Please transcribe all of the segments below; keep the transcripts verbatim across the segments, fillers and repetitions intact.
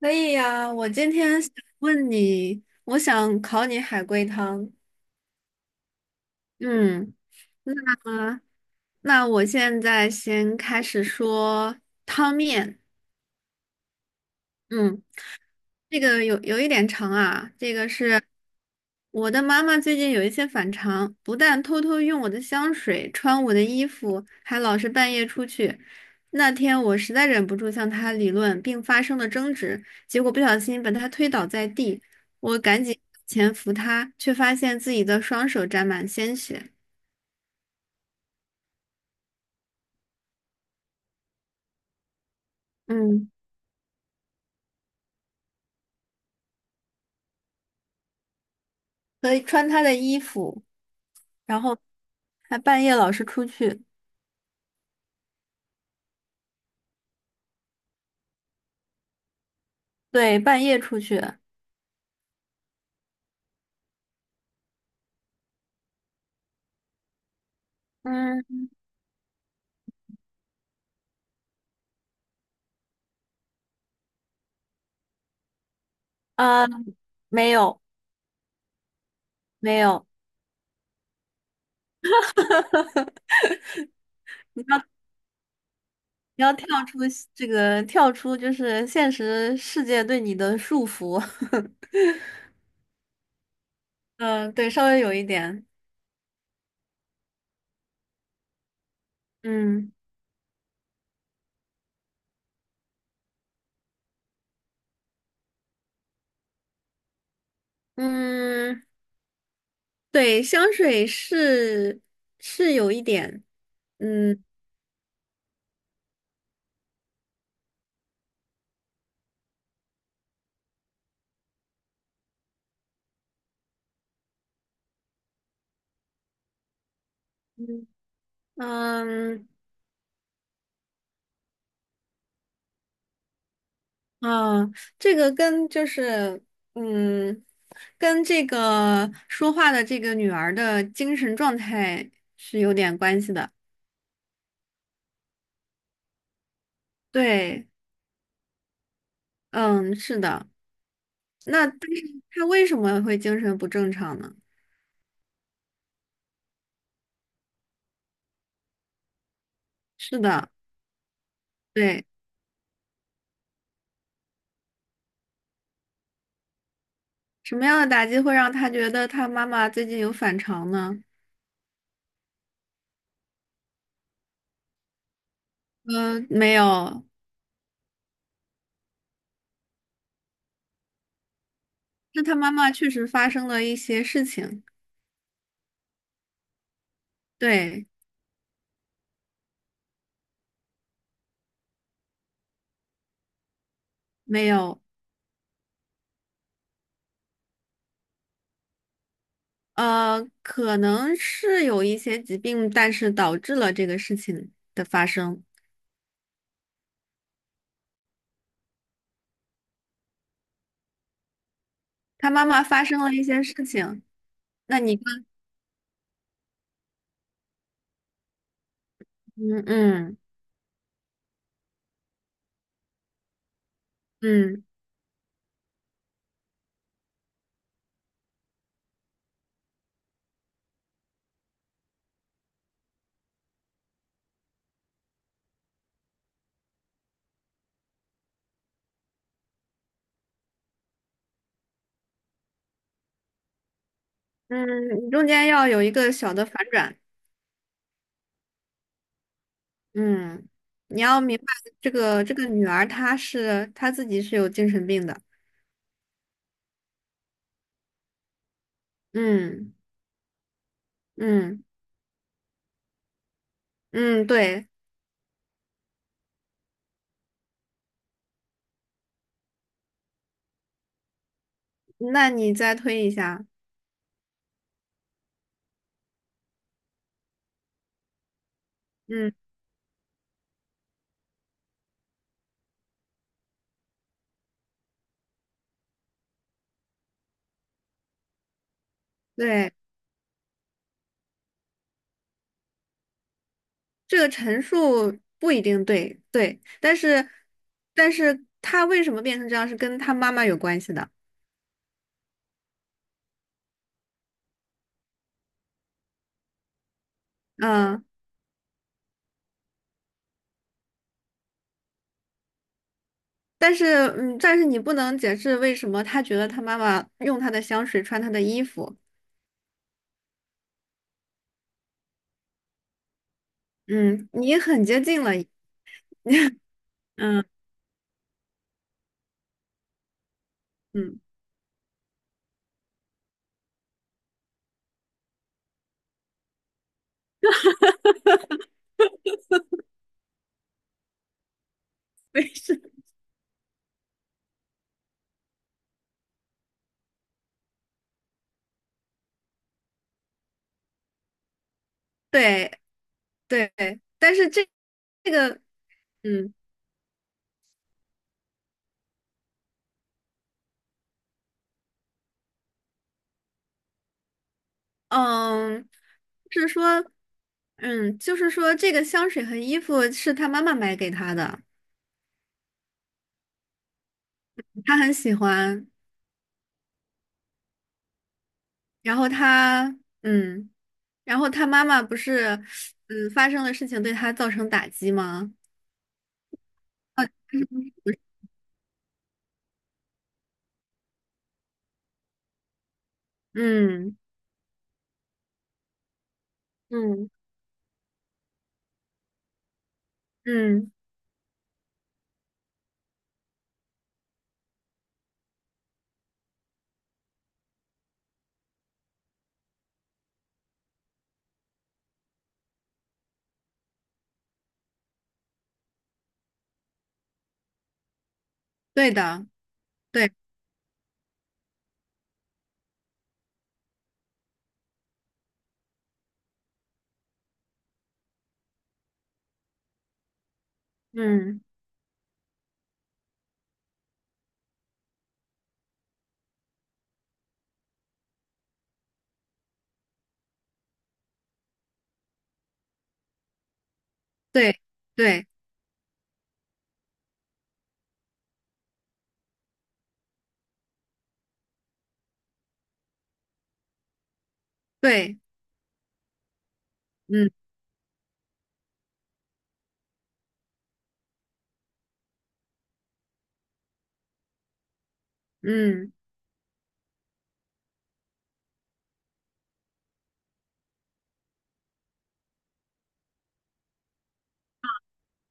可以呀，我今天想问你，我想考你海龟汤。嗯，那那我现在先开始说汤面。嗯，这个有有一点长啊，这个是我的妈妈最近有一些反常，不但偷偷用我的香水、穿我的衣服，还老是半夜出去。那天我实在忍不住向她理论，并发生了争执，结果不小心把她推倒在地，我赶紧前扶她，却发现自己的双手沾满鲜血。嗯，可以穿她的衣服，然后还半夜老是出去，对，半夜出去。嗯，呃，没有。没有，你要你要跳出这个，跳出就是现实世界对你的束缚。嗯，对，稍微有一点。嗯嗯，对，香水是是有一点。嗯嗯嗯啊，这个跟就是嗯，跟这个说话的这个女儿的精神状态是有点关系的。对，嗯，是的。那但是他为什么会精神不正常呢？是的，对，什么样的打击会让他觉得他妈妈最近有反常呢？嗯、没有，那他妈妈确实发生了一些事情。对，没有，呃，可能是有一些疾病，但是导致了这个事情的发生。他妈妈发生了一些事情，那你更嗯嗯嗯嗯，你中间要有一个小的反转。嗯，你要明白这个这个女儿她是她自己是有精神病的。嗯嗯嗯，对，那你再推一下。嗯，对，这个陈述不一定对，对，但是但是他为什么变成这样是跟他妈妈有关系的。嗯，但是嗯，但是你不能解释为什么他觉得他妈妈用她的香水穿他的衣服。嗯，你很接近了。嗯嗯，对，是，对。对，但是这这个，嗯嗯，是说，嗯，就是说，这个香水和衣服是他妈妈买给他的，他很喜欢。然后他，嗯，然后他妈妈不是，嗯，发生了事情对他造成打击吗？嗯嗯嗯，对的，对，嗯对对对，嗯嗯。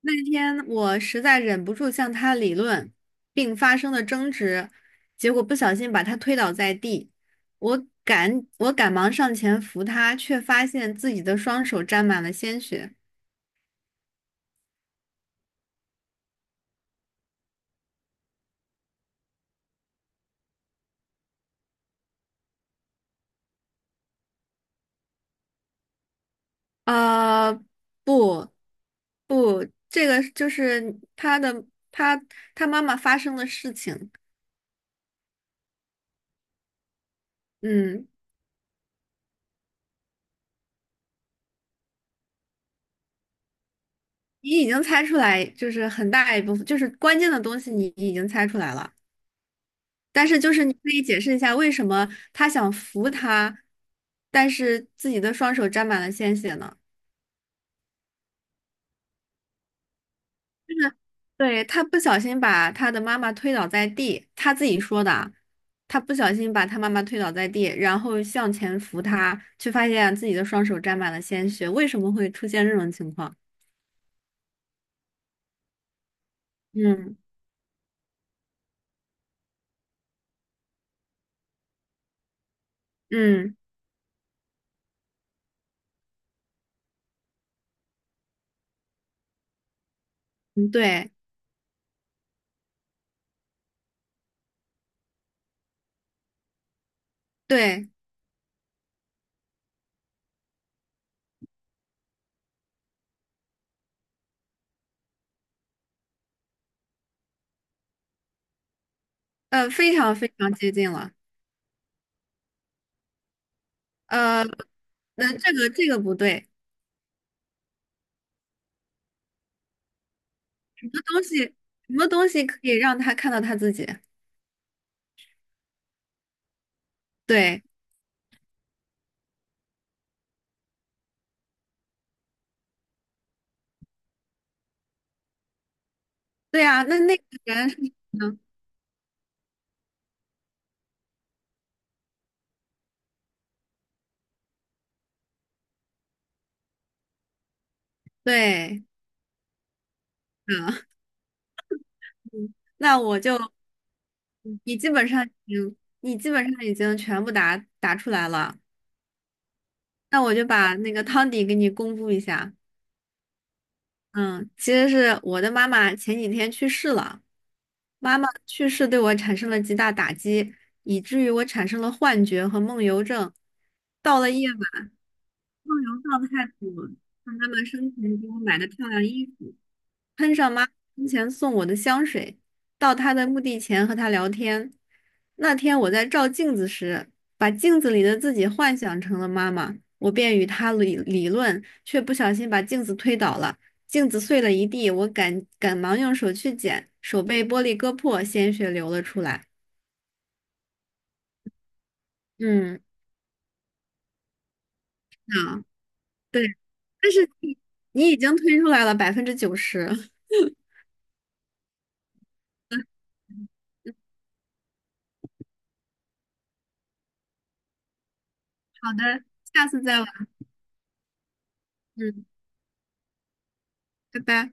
那天我实在忍不住向他理论，并发生了争执，结果不小心把他推倒在地。我赶我赶忙上前扶他，却发现自己的双手沾满了鲜血。呃，不，不，这个就是他的他他妈妈发生的事情。嗯，你已经猜出来，就是很大一部分，就是关键的东西，你已经猜出来了。但是就是你可以解释一下，为什么他想扶他，但是自己的双手沾满了鲜血呢？就是对，他不小心把他的妈妈推倒在地，他自己说的啊，他不小心把他妈妈推倒在地，然后向前扶他，却发现自己的双手沾满了鲜血，为什么会出现这种情况？嗯嗯嗯，对对，呃，非常非常接近了，呃，那这个这个不对，什么东西什么东西可以让他看到他自己？对对啊，那那个人是嗯，对，嗯，那我就你基本上已经你基本上已经全部答答出来了，那我就把那个汤底给你公布一下。嗯，其实是我的妈妈前几天去世了，妈妈去世对我产生了极大打击，以至于我产生了幻觉和梦游症。到了夜晚，梦游状态组，看妈妈生前给我买的漂亮衣服。喷上妈生前送我的香水，到她的墓地前和她聊天。那天我在照镜子时，把镜子里的自己幻想成了妈妈，我便与她理理论，却不小心把镜子推倒了，镜子碎了一地，我赶赶忙用手去捡，手被玻璃割破，鲜血流了出来。嗯，啊，对，但是你你已经推出来了百分之九十。好的，下次再玩。嗯，拜拜。